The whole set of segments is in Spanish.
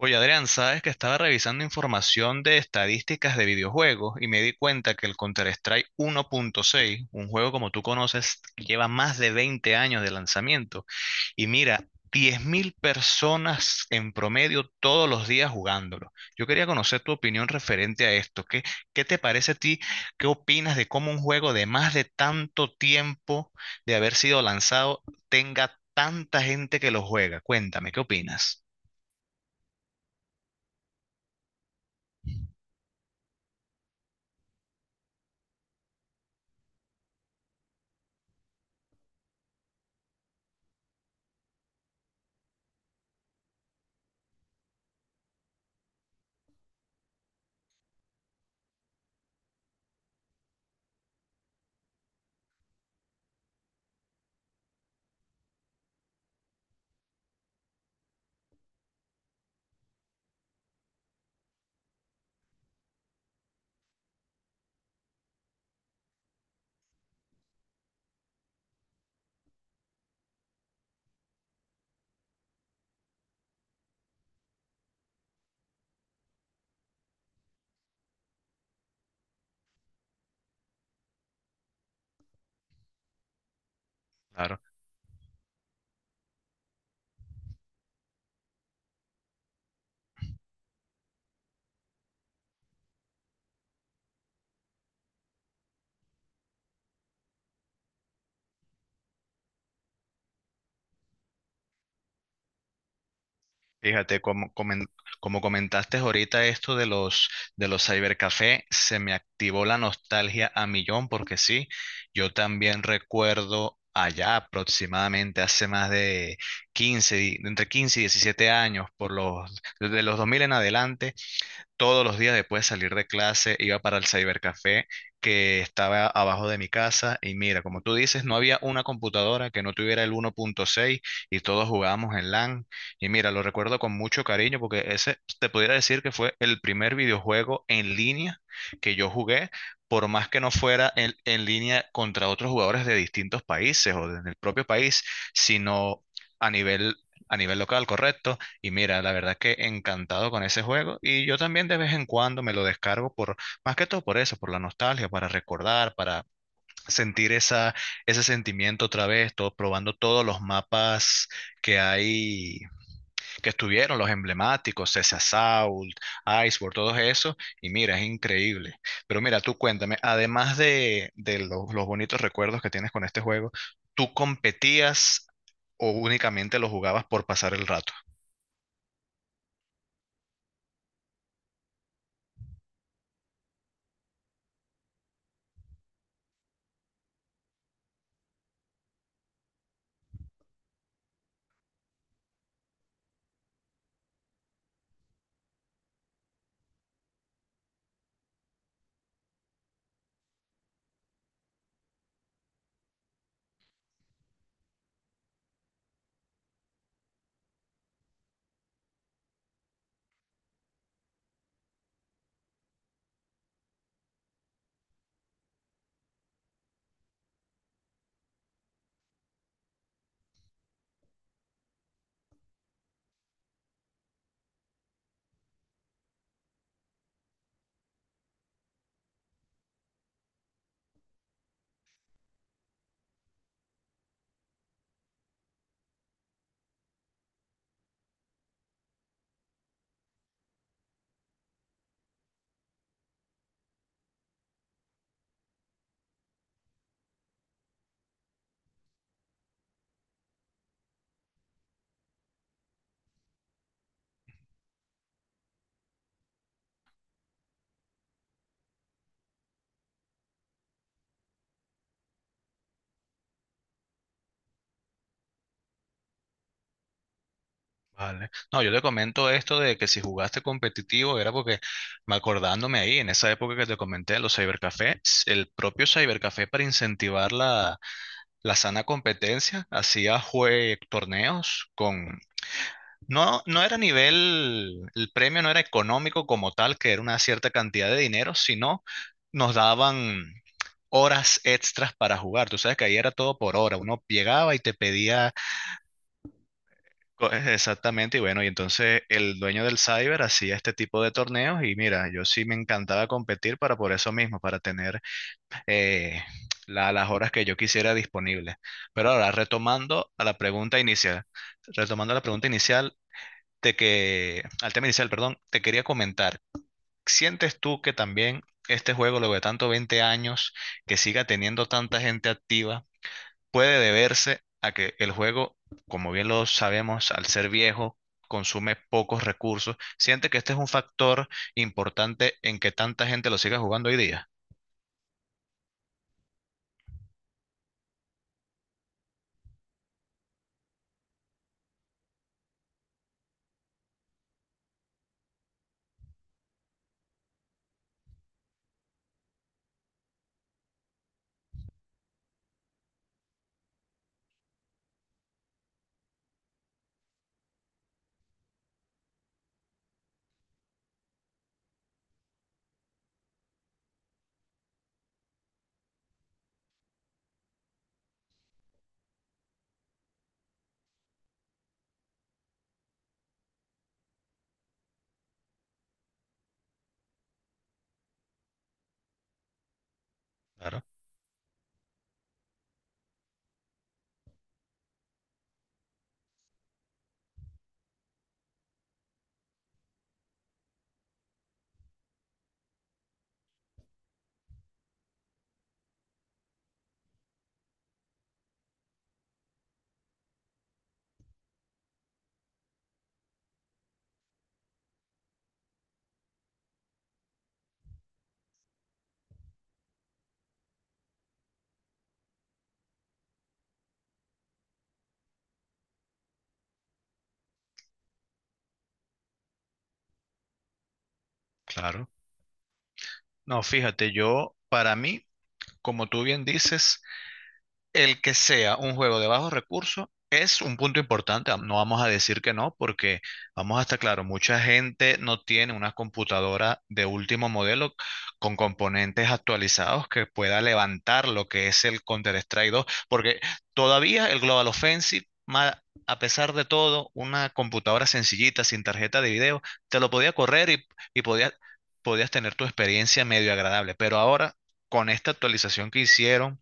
Oye, Adrián, sabes que estaba revisando información de estadísticas de videojuegos y me di cuenta que el Counter-Strike 1.6, un juego como tú conoces, lleva más de 20 años de lanzamiento. Y mira, 10.000 personas en promedio todos los días jugándolo. Yo quería conocer tu opinión referente a esto. ¿Qué te parece a ti? ¿Qué opinas de cómo un juego de más de tanto tiempo de haber sido lanzado tenga tanta gente que lo juega? Cuéntame, ¿qué opinas? Fíjate, como comentaste ahorita esto de los cybercafé, se me activó la nostalgia a millón porque sí, yo también recuerdo allá aproximadamente hace más de entre 15 y 17 años, desde los 2000 en adelante, todos los días después de salir de clase iba para el cybercafé que estaba abajo de mi casa y mira, como tú dices, no había una computadora que no tuviera el 1.6 y todos jugábamos en LAN. Y mira, lo recuerdo con mucho cariño porque ese te pudiera decir que fue el primer videojuego en línea que yo jugué, por más que no fuera en línea contra otros jugadores de distintos países o del propio país, sino a nivel, a nivel local, correcto. Y mira, la verdad que encantado con ese juego y yo también de vez en cuando me lo descargo más que todo por eso, por la nostalgia, para recordar, para sentir ese sentimiento otra vez, todo, probando todos los mapas que hay, que estuvieron, los emblemáticos, ese Assault, Iceborne, todo eso, y mira, es increíble. Pero mira, tú cuéntame, además de los bonitos recuerdos que tienes con este juego, ¿tú competías o únicamente lo jugabas por pasar el rato? Vale. No, yo te comento esto de que si jugaste competitivo era porque, me acordándome ahí, en esa época que te comenté los cybercafés, el propio cybercafé para incentivar la sana competencia hacía jue torneos con... No, no era nivel, el premio no era económico como tal, que era una cierta cantidad de dinero, sino nos daban horas extras para jugar. Tú sabes que ahí era todo por hora. Uno llegaba y te pedía. Exactamente, y bueno, y entonces el dueño del cyber hacía este tipo de torneos y mira, yo sí me encantaba competir para por eso mismo, para tener eh, las horas que yo quisiera disponibles. Pero ahora, retomando la pregunta inicial al tema inicial, perdón, te quería comentar, ¿sientes tú que también este juego, luego de tanto 20 años, que siga teniendo tanta gente activa? Puede deberse a que el juego, como bien lo sabemos, al ser viejo, consume pocos recursos. ¿Siente que este es un factor importante en que tanta gente lo siga jugando hoy día? Claro, claro. No, fíjate, yo, para mí, como tú bien dices, el que sea un juego de bajos recursos es un punto importante. No vamos a decir que no, porque vamos a estar claro, mucha gente no tiene una computadora de último modelo con componentes actualizados que pueda levantar lo que es el Counter-Strike 2, porque todavía el Global Offensive, a pesar de todo, una computadora sencillita, sin tarjeta de video, te lo podía correr y podía- podías tener tu experiencia medio agradable. Pero ahora, con esta actualización que hicieron,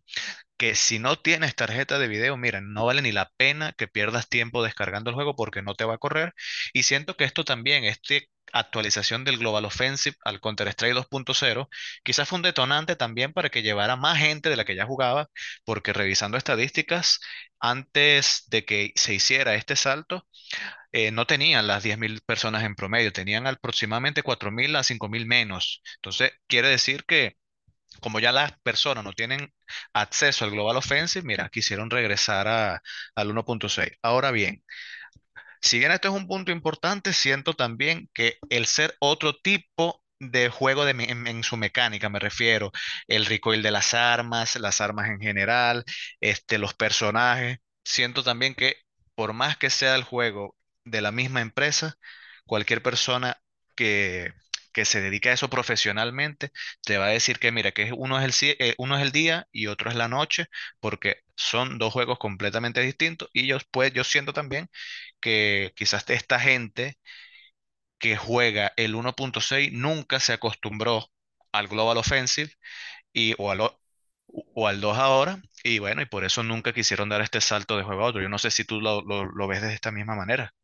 que si no tienes tarjeta de video, mira, no vale ni la pena que pierdas tiempo descargando el juego porque no te va a correr. Y siento que esto también, esta actualización del Global Offensive al Counter-Strike 2.0, quizás fue un detonante también para que llevara más gente de la que ya jugaba, porque revisando estadísticas, antes de que se hiciera este salto, no tenían las 10.000 personas en promedio, tenían aproximadamente 4000 a 5000 menos. Entonces, quiere decir que como ya las personas no tienen acceso al Global Offensive, mira, quisieron regresar al 1.6. Ahora bien, si bien esto es un punto importante, siento también que el ser otro tipo de juego en su mecánica, me refiero, el recoil de las armas en general, los personajes, siento también que por más que sea el juego de la misma empresa, cualquier persona que, que se dedica a eso profesionalmente te va a decir que mira, uno es el día y otro es la noche, porque son dos juegos completamente distintos y yo, pues, yo siento también que quizás esta gente que juega el 1.6 nunca se acostumbró al Global Offensive y, o, al, o, o al 2 ahora, y bueno, y por eso nunca quisieron dar este salto de juego a otro. Yo no sé si tú lo ves de esta misma manera.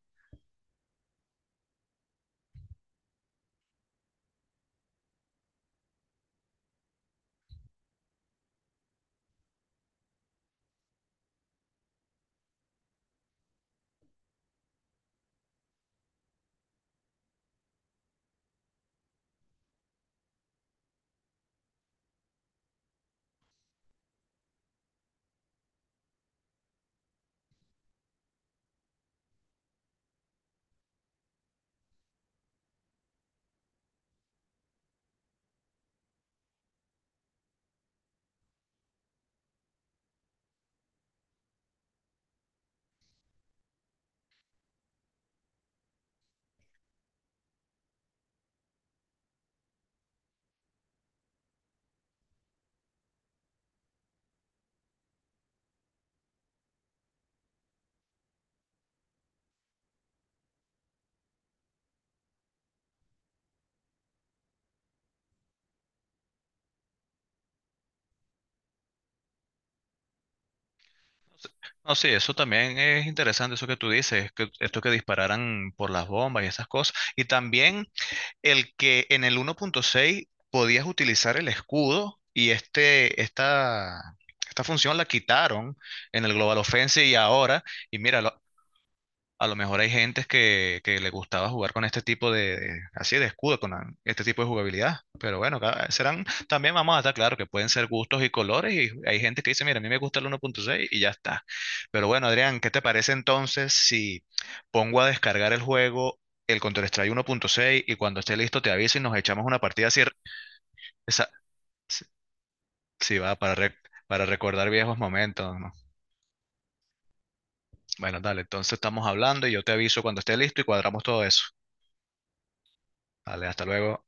No, sí, eso también es interesante, eso que tú dices, que esto que dispararan por las bombas y esas cosas. Y también el que en el 1.6 podías utilizar el escudo y esta función la quitaron en el Global Offensive y ahora, y mira, a lo mejor hay gentes que le gustaba jugar con este tipo así de escudo, este tipo de jugabilidad. Pero bueno, serán, también vamos a estar claro que pueden ser gustos y colores. Y hay gente que dice, mira, a mí me gusta el 1.6 y ya está. Pero bueno, Adrián, ¿qué te parece entonces si pongo a descargar el juego, el Counter-Strike 1.6 y cuando esté listo te aviso y nos echamos una partida así? Esa, si si va, para recordar viejos momentos, ¿no? Bueno, dale, entonces estamos hablando y yo te aviso cuando esté listo y cuadramos todo eso. Dale, hasta luego.